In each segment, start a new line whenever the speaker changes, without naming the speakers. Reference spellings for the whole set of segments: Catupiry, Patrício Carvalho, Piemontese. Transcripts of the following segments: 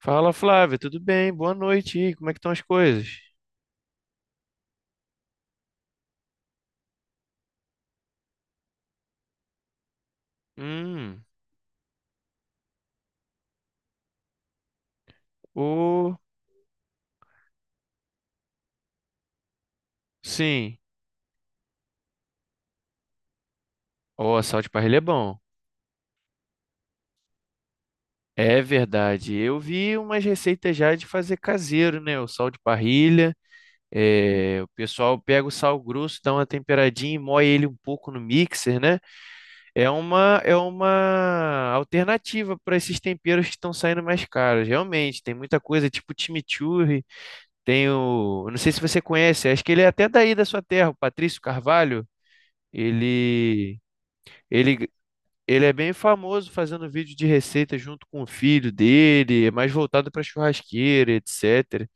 Fala, Flávia, tudo bem? Boa noite. E aí, como é que estão as coisas? Hum, o sim. O sal de parrilha é bom. É verdade. Eu vi umas receitas já de fazer caseiro, né? O sal de parrilha. O pessoal pega o sal grosso, dá uma temperadinha e moe ele um pouco no mixer, né? É uma alternativa para esses temperos que estão saindo mais caros. Realmente, tem muita coisa tipo chimichurri. Eu não sei se você conhece, acho que ele é até daí da sua terra, o Patrício Carvalho. Ele, ele, Ele é bem famoso fazendo vídeo de receita junto com o filho dele, é mais voltado para churrasqueira, etc.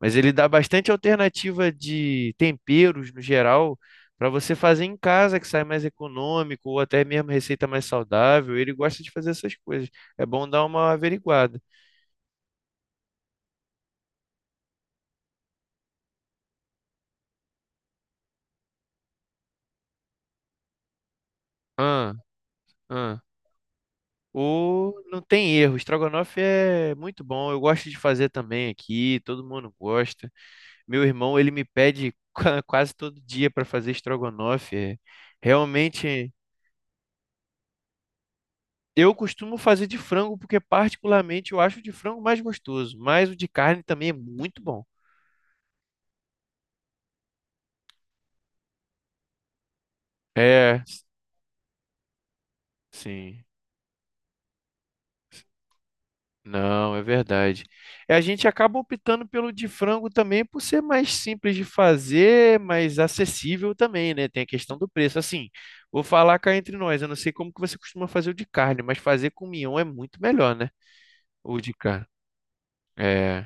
Mas ele dá bastante alternativa de temperos no geral para você fazer em casa, que sai mais econômico, ou até mesmo receita mais saudável. Ele gosta de fazer essas coisas. É bom dar uma averiguada. Ah, ah. O não tem erro, estrogonofe é muito bom. Eu gosto de fazer também aqui, todo mundo gosta. Meu irmão, ele me pede quase todo dia para fazer estrogonofe. Realmente, eu costumo fazer de frango porque particularmente eu acho o de frango mais gostoso, mas o de carne também é muito bom. É, s- sim. Não, é verdade. É, a gente acaba optando pelo de frango também por ser mais simples de fazer, mais acessível também, né? Tem a questão do preço. Assim, vou falar cá entre nós, eu não sei como que você costuma fazer o de carne, mas fazer com mignon é muito melhor, né? O de carne. É,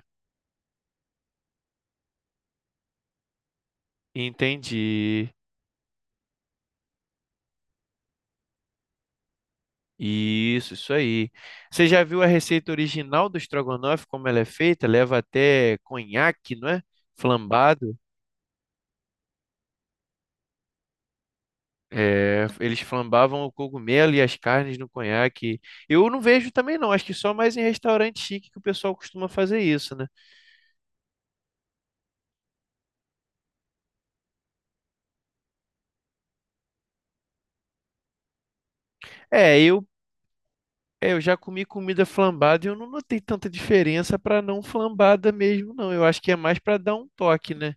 entendi. Isso aí. Você já viu a receita original do estrogonofe, como ela é feita? Leva até conhaque, não é? Flambado. É, eles flambavam o cogumelo e as carnes no conhaque. Eu não vejo também não, acho que só mais em restaurante chique que o pessoal costuma fazer isso, né? É, eu, eu já comi comida flambada e eu não notei tanta diferença para não flambada mesmo, não. Eu acho que é mais para dar um toque, né,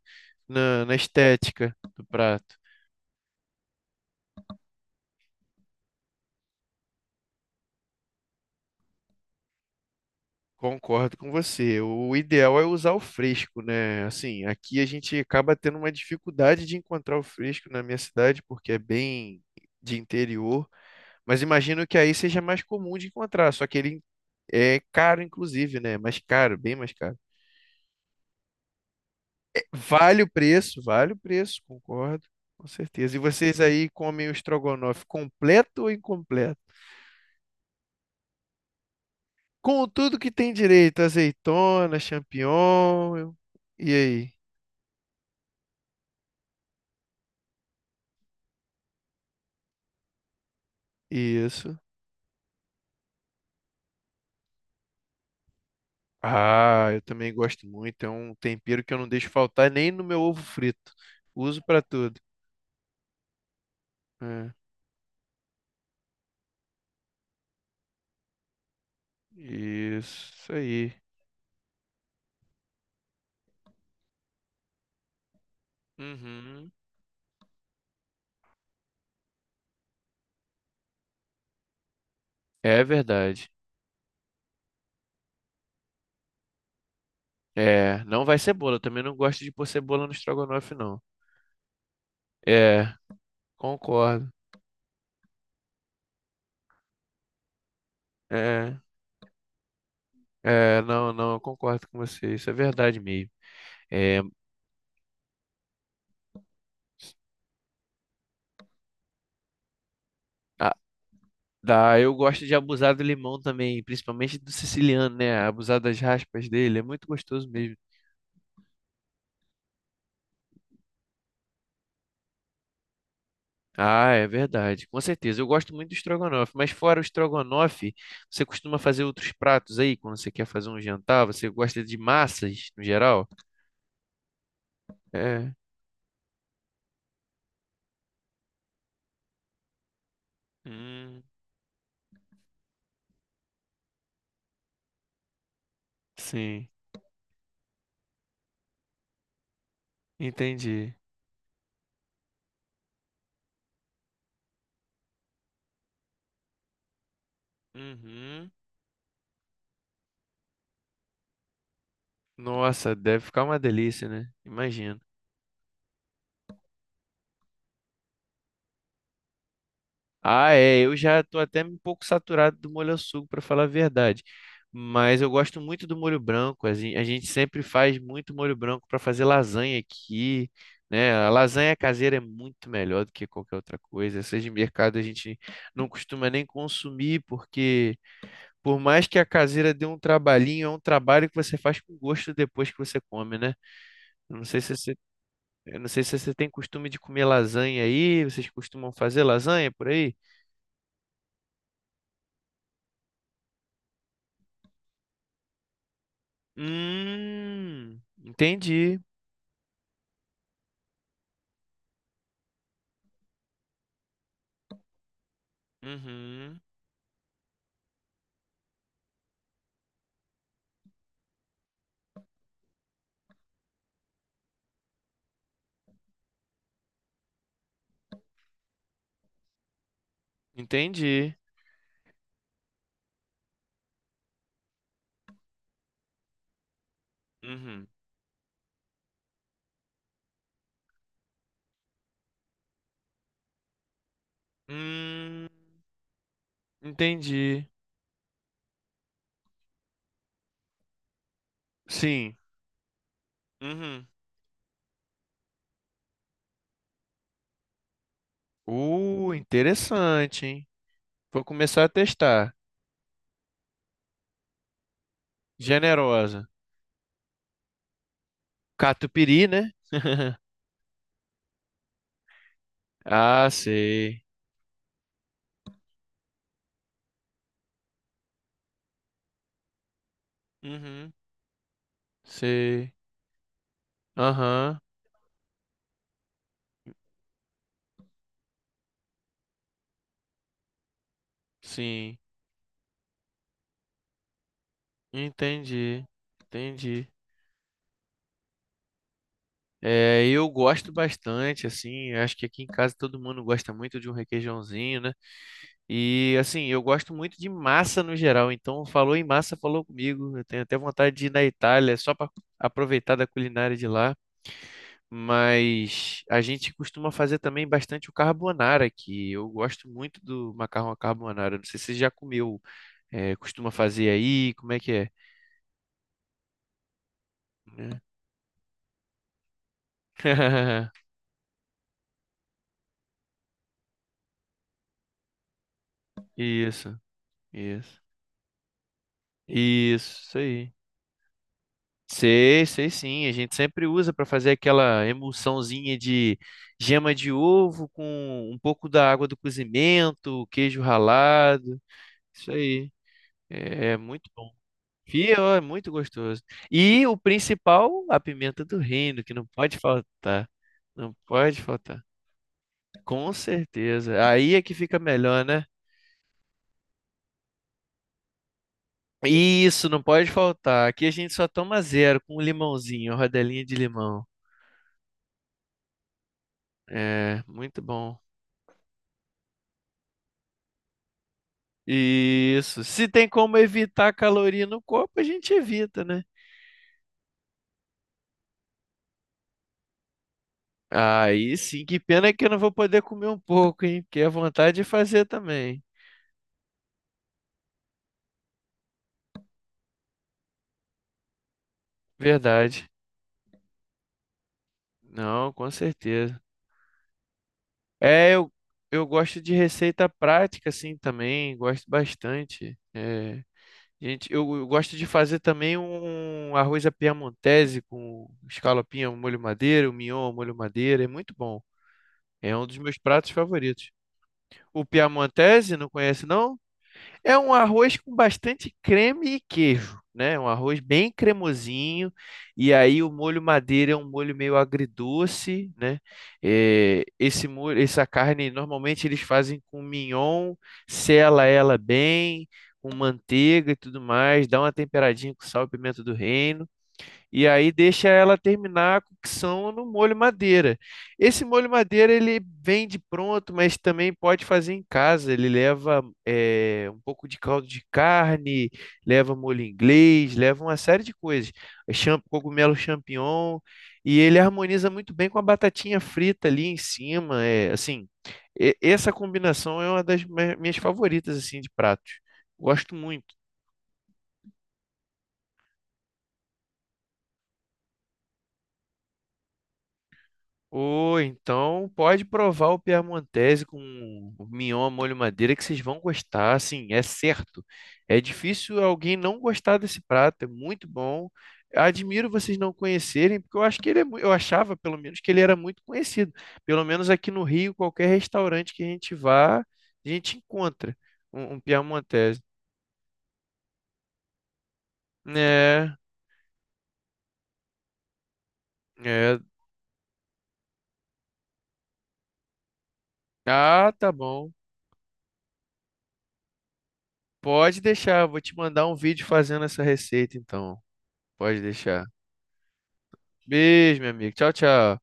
na estética do prato. Concordo com você. O ideal é usar o fresco, né? Assim, aqui a gente acaba tendo uma dificuldade de encontrar o fresco na minha cidade porque é bem de interior. Mas imagino que aí seja mais comum de encontrar, só que ele é caro, inclusive, né? Mais caro, bem mais caro. Vale o preço, concordo, com certeza. E vocês aí comem o estrogonofe completo ou incompleto? Com tudo que tem direito, azeitona, champignon, e aí? Isso. Ah, eu também gosto muito, é um tempero que eu não deixo faltar nem no meu ovo frito. Uso para tudo. É, isso aí. Uhum. É verdade. É, não vai cebola. Eu também não gosto de pôr cebola no estrogonofe, não. É, concordo. É, não, não, eu concordo com você. Isso é verdade mesmo. É, a- eu gosto de abusar do limão também, principalmente do siciliano, né? Abusar das raspas dele, é muito gostoso mesmo. Ah, é verdade, com certeza. Eu gosto muito do estrogonofe, mas fora o estrogonofe, você costuma fazer outros pratos aí quando você quer fazer um jantar? Você gosta de massas no geral? É. Hum, sim, entendi. Uhum. Nossa, deve ficar uma delícia, né? Imagino. Ah, é, eu já tô até um pouco saturado do molho ao sugo, para falar a verdade. Mas eu gosto muito do molho branco. A gente sempre faz muito molho branco para fazer lasanha aqui, né? A lasanha caseira é muito melhor do que qualquer outra coisa. Essas de mercado a gente não costuma nem consumir, porque por mais que a caseira dê um trabalhinho, é um trabalho que você faz com gosto depois que você come, né? Eu Não sei se Eu não sei se você tem costume de comer lasanha aí. Vocês costumam fazer lasanha por aí? Hum, entendi. Uhum, entendi. Uhum. Hum, entendi. Sim. Uhum. Interessante, hein? Vou começar a testar. Generosa. Catupiry, né? Ah, sei. Uhum, sei. Aham, sim. Entendi. Entendi. É, eu gosto bastante, assim, acho que aqui em casa todo mundo gosta muito de um requeijãozinho, né? E assim, eu gosto muito de massa no geral, então falou em massa, falou comigo. Eu tenho até vontade de ir na Itália só para aproveitar da culinária de lá, mas a gente costuma fazer também bastante o carbonara aqui. Eu gosto muito do macarrão à carbonara. Não sei se você já comeu, é, costuma fazer aí, como é que é? Né? Isso, isso. Isso aí. Sei, sei sim. A gente sempre usa para fazer aquela emulsãozinha de gema de ovo com um pouco da água do cozimento, queijo ralado. Isso aí. É, é muito bom. Fia, é muito gostoso. E o principal, a pimenta do reino, que não pode faltar. Não pode faltar. Com certeza. Aí é que fica melhor, né? Isso, não pode faltar. Aqui a gente só toma zero com um limãozinho, rodelinha de limão. É, muito bom. Isso. Se tem como evitar caloria no corpo, a gente evita, né? Aí sim, que pena é que eu não vou poder comer um pouco, hein? Porque é vontade de fazer também. Verdade. Não, com certeza. É, eu, eu gosto de receita prática, assim, também. Gosto bastante. É, gente, eu gosto de fazer também um arroz à piamontese com escalopinha, ao molho madeira, o mignon, ao molho madeira. É muito bom. É um dos meus pratos favoritos. O piamontese, não conhece, não? É um arroz com bastante creme e queijo, né? Um arroz bem cremosinho. E aí o molho madeira é um molho meio agridoce, né? É, esse molho, essa carne normalmente eles fazem com mignon, sela ela bem, com manteiga e tudo mais, dá uma temperadinha com sal e pimenta do reino. E aí deixa ela terminar a cocção no molho madeira. Esse molho madeira ele vende pronto, mas também pode fazer em casa. Ele leva um pouco de caldo de carne, leva molho inglês, leva uma série de coisas. Cogumelo champignon. E ele harmoniza muito bem com a batatinha frita ali em cima. É, assim, essa combinação é uma das minhas favoritas assim de pratos. Gosto muito. Ou então pode provar o Piemontese com o mignon à molho madeira que vocês vão gostar, assim, é certo. É difícil alguém não gostar desse prato, é muito bom. Admiro vocês não conhecerem, porque eu acho que ele é, eu achava pelo menos que ele era muito conhecido. Pelo menos aqui no Rio, qualquer restaurante que a gente vá, a gente encontra um Piemontese. É, é. Ah, tá bom. Pode deixar, vou te mandar um vídeo fazendo essa receita então. Pode deixar. Beijo, meu amigo. Tchau, tchau.